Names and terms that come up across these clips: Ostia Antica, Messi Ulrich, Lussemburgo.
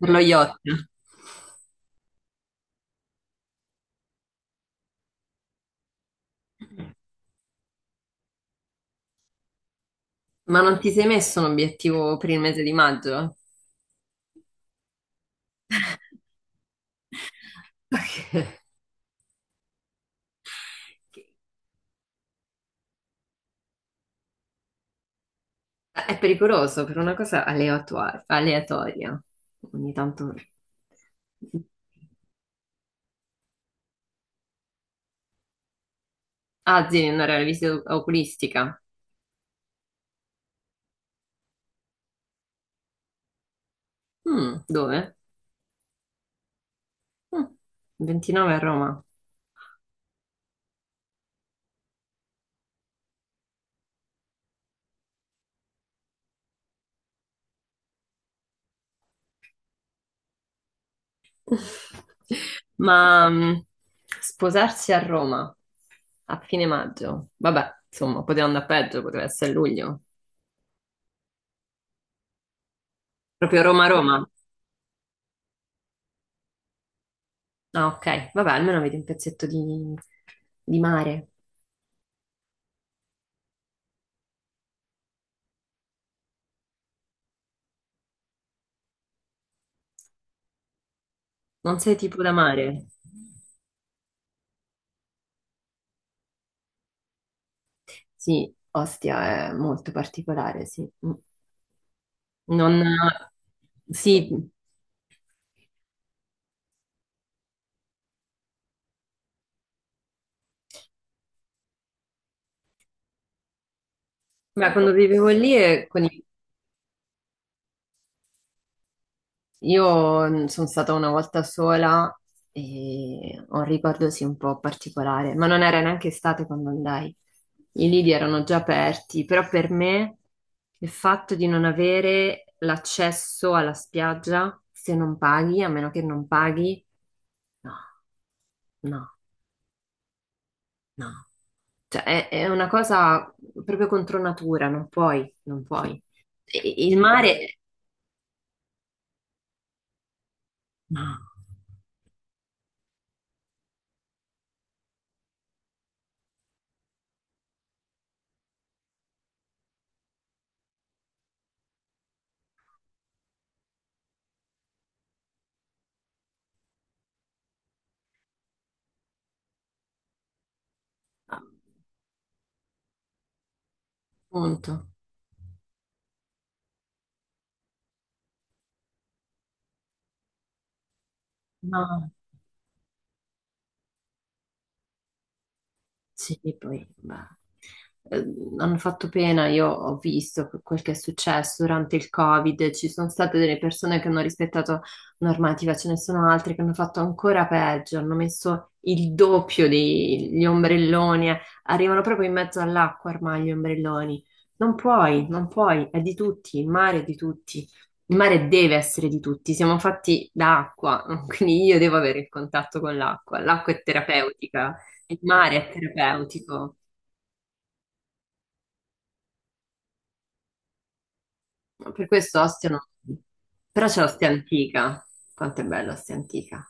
Per lo yacht. Ma non ti sei messo un obiettivo per il mese di maggio? Perché è pericoloso per una cosa aleatoria. Ogni tanto... Ah, sì, andare alla visita oculistica. Mm, dove? Mm, 29 a Roma. Ma sposarsi a Roma a fine maggio. Vabbè, insomma, poteva andare peggio, poteva essere luglio. Proprio Roma-Roma. Ah, ok, vabbè, almeno avete un pezzetto di mare. Non sei tipo da mare? Sì, Ostia è molto particolare, sì. Mm. Non... Sì, beh, quando vivevo lì e con i... Io sono stata una volta sola e ho un ricordo sì un po' particolare, ma non era neanche estate quando andai. I lidi erano già aperti, però per me il fatto di non avere l'accesso alla spiaggia se non paghi, a meno che non paghi, no, no, no. Cioè, è una cosa proprio contro natura, non puoi, non puoi. E il mare, no, appunto, no. Sì, poi, ma eh, hanno fatto pena, io ho visto quel che è successo durante il Covid, ci sono state delle persone che hanno rispettato normativa, ce ne sono altre che hanno fatto ancora peggio, hanno messo il doppio degli ombrelloni, arrivano proprio in mezzo all'acqua ormai gli ombrelloni. Non puoi, non puoi, è di tutti, il mare è di tutti. Il mare deve essere di tutti, siamo fatti da acqua, quindi io devo avere il contatto con l'acqua. L'acqua è terapeutica, il mare è terapeutico. Per questo Ostia non... Però c'è Ostia Antica. Quanto è bella Ostia Antica.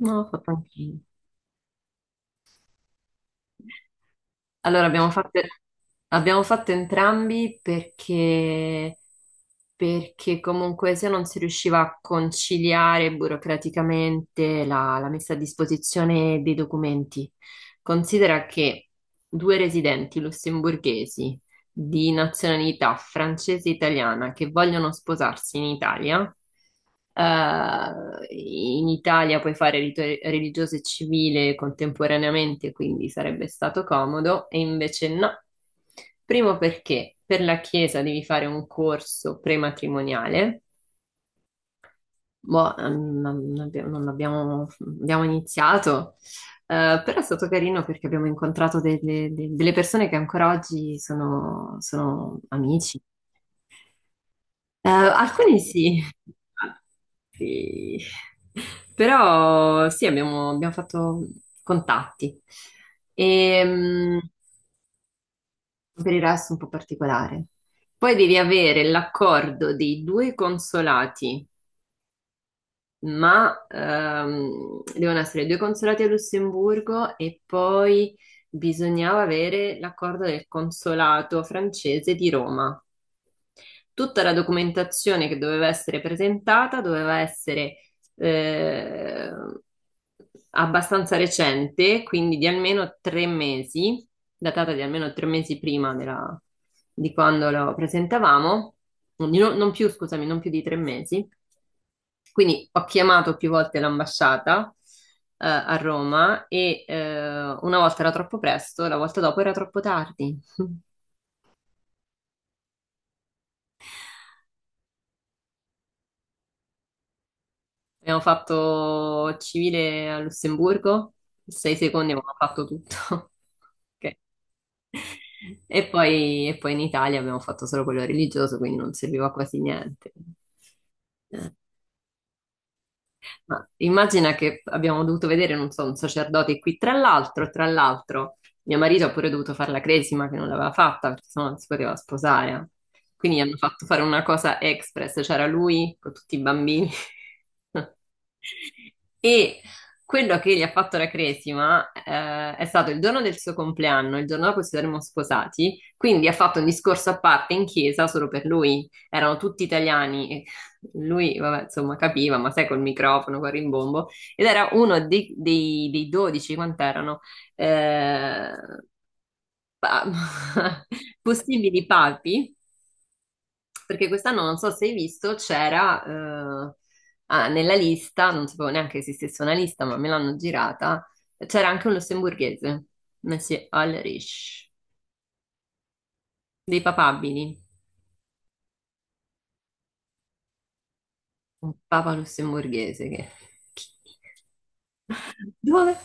Non l'ho fatto anch'io. Allora, abbiamo fatto entrambi perché, perché comunque se non si riusciva a conciliare burocraticamente la messa a disposizione dei documenti. Considera che due residenti lussemburghesi di nazionalità francese e italiana che vogliono sposarsi in Italia. In Italia puoi fare rito religioso e civile contemporaneamente, quindi sarebbe stato comodo, e invece no. Primo perché per la Chiesa devi fare un corso prematrimoniale. Boh, non abbiamo- abbiamo iniziato, però è stato carino perché abbiamo incontrato delle persone che ancora oggi sono amici. Alcuni sì, altri- però sì, abbiamo fatto contatti. E, per il resto un po' particolare. Poi devi avere l'accordo dei due consolati ma devono essere due consolati a Lussemburgo e poi bisognava avere l'accordo del consolato francese di Roma. Tutta la documentazione che doveva essere presentata doveva essere eh, abbastanza recente, quindi di almeno 3 mesi, datata di almeno tre mesi di quando lo presentavamo. Di no- Non più, scusami, non più di 3 mesi. Quindi ho chiamato più volte l'ambasciata a Roma e una volta era troppo presto, la volta dopo era troppo tardi. Abbiamo fatto civile a Lussemburgo, sei secondi abbiamo fatto tutto. Ok. E poi in Italia abbiamo fatto solo quello religioso, quindi non serviva quasi niente. Eh. Ma immagina che abbiamo dovuto vedere, non so, un sacerdote qui. Tra l'altro, mio marito ha pure dovuto fare la cresima che non l'aveva fatta perché sennò non si poteva sposare. Quindi hanno fatto fare una cosa express, c'era lui con tutti i bambini. E quello che gli ha fatto la cresima è stato il giorno del suo compleanno, il giorno dopo ci saremmo sposati, quindi ha fatto un discorso a parte in chiesa solo per lui. Erano tutti italiani, lui, vabbè, insomma, capiva, ma sai, col microfono, col rimbombo, ed era uno dei 12, quant'erano, eh, pa- possibili papi, perché quest'anno, non so se hai visto, c'era nella lista, non sapevo neanche che esistesse una lista, ma me l'hanno girata, c'era anche un lussemburghese, Messi Ulrich, dei papabili. Un papa lussemburghese che... Dove?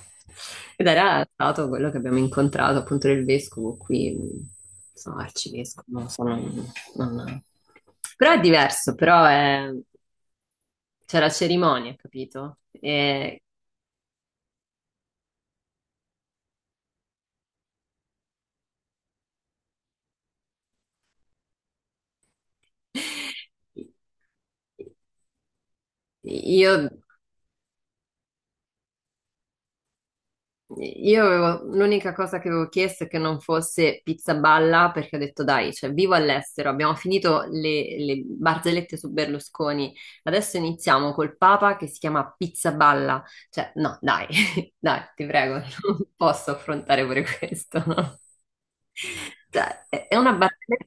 Ed era stato quello che abbiamo incontrato appunto del vescovo qui, non so, arcivescovo, non so, non- non- però è diverso, c'è la cerimonia, capito? E... Io Io avevo, l'unica cosa che avevo chiesto è che non fosse pizza balla, perché ho detto dai, cioè vivo all'estero, abbiamo finito le barzellette su Berlusconi, adesso iniziamo col Papa che si chiama pizza balla, cioè no, dai, dai, ti prego, non posso affrontare pure questo, no? Cioè, è una barzelletta.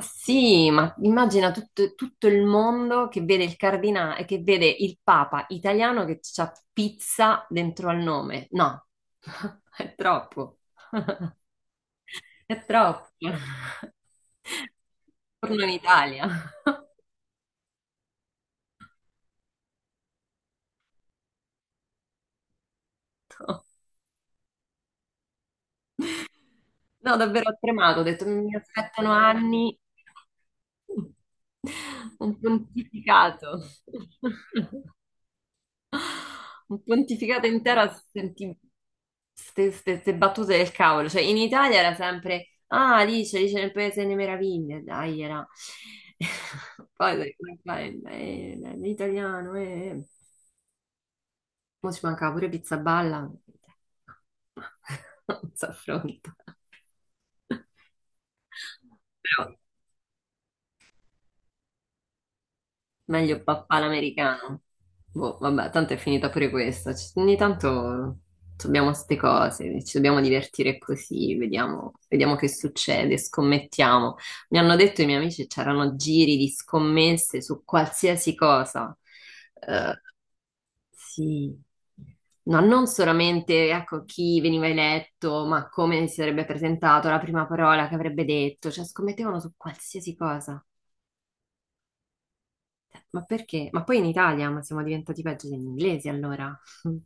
Sì, ma immagina tutto il mondo che vede il cardinale, che vede il Papa italiano che c'ha pizza dentro al nome. No, è troppo, è troppo. Torno in Italia. No, davvero ho tremato, ho detto mi aspettano anni, un pontificato. Un pontificato intero a sentire queste battute del cavolo. Cioè, in Italia era sempre, ah, Alice nel Paese delle Meraviglie, dai, era. Poi dovevi fare l'italiano, eh. Mo ci mancava pure pizza balla. Non si affronta. Però meglio papà l'americano. Boh, vabbè, tanto è finita pure questa. Ogni tanto abbiamo queste cose, ci dobbiamo divertire così, vediamo, vediamo che succede, scommettiamo. Mi hanno detto i miei amici c'erano giri di scommesse su qualsiasi cosa. Eh, sì. No, non solamente, ecco, chi veniva eletto, ma come si sarebbe presentato, la prima parola che avrebbe detto, cioè scommettevano su qualsiasi cosa. Ma perché? Ma poi in Italia, ma siamo diventati peggio degli inglesi allora.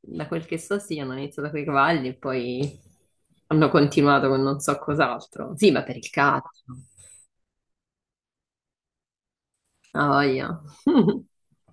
Da quel che so, sì, hanno iniziato con i cavalli e poi hanno continuato con non so cos'altro. Sì, ma per il calcio. Ah, voglia.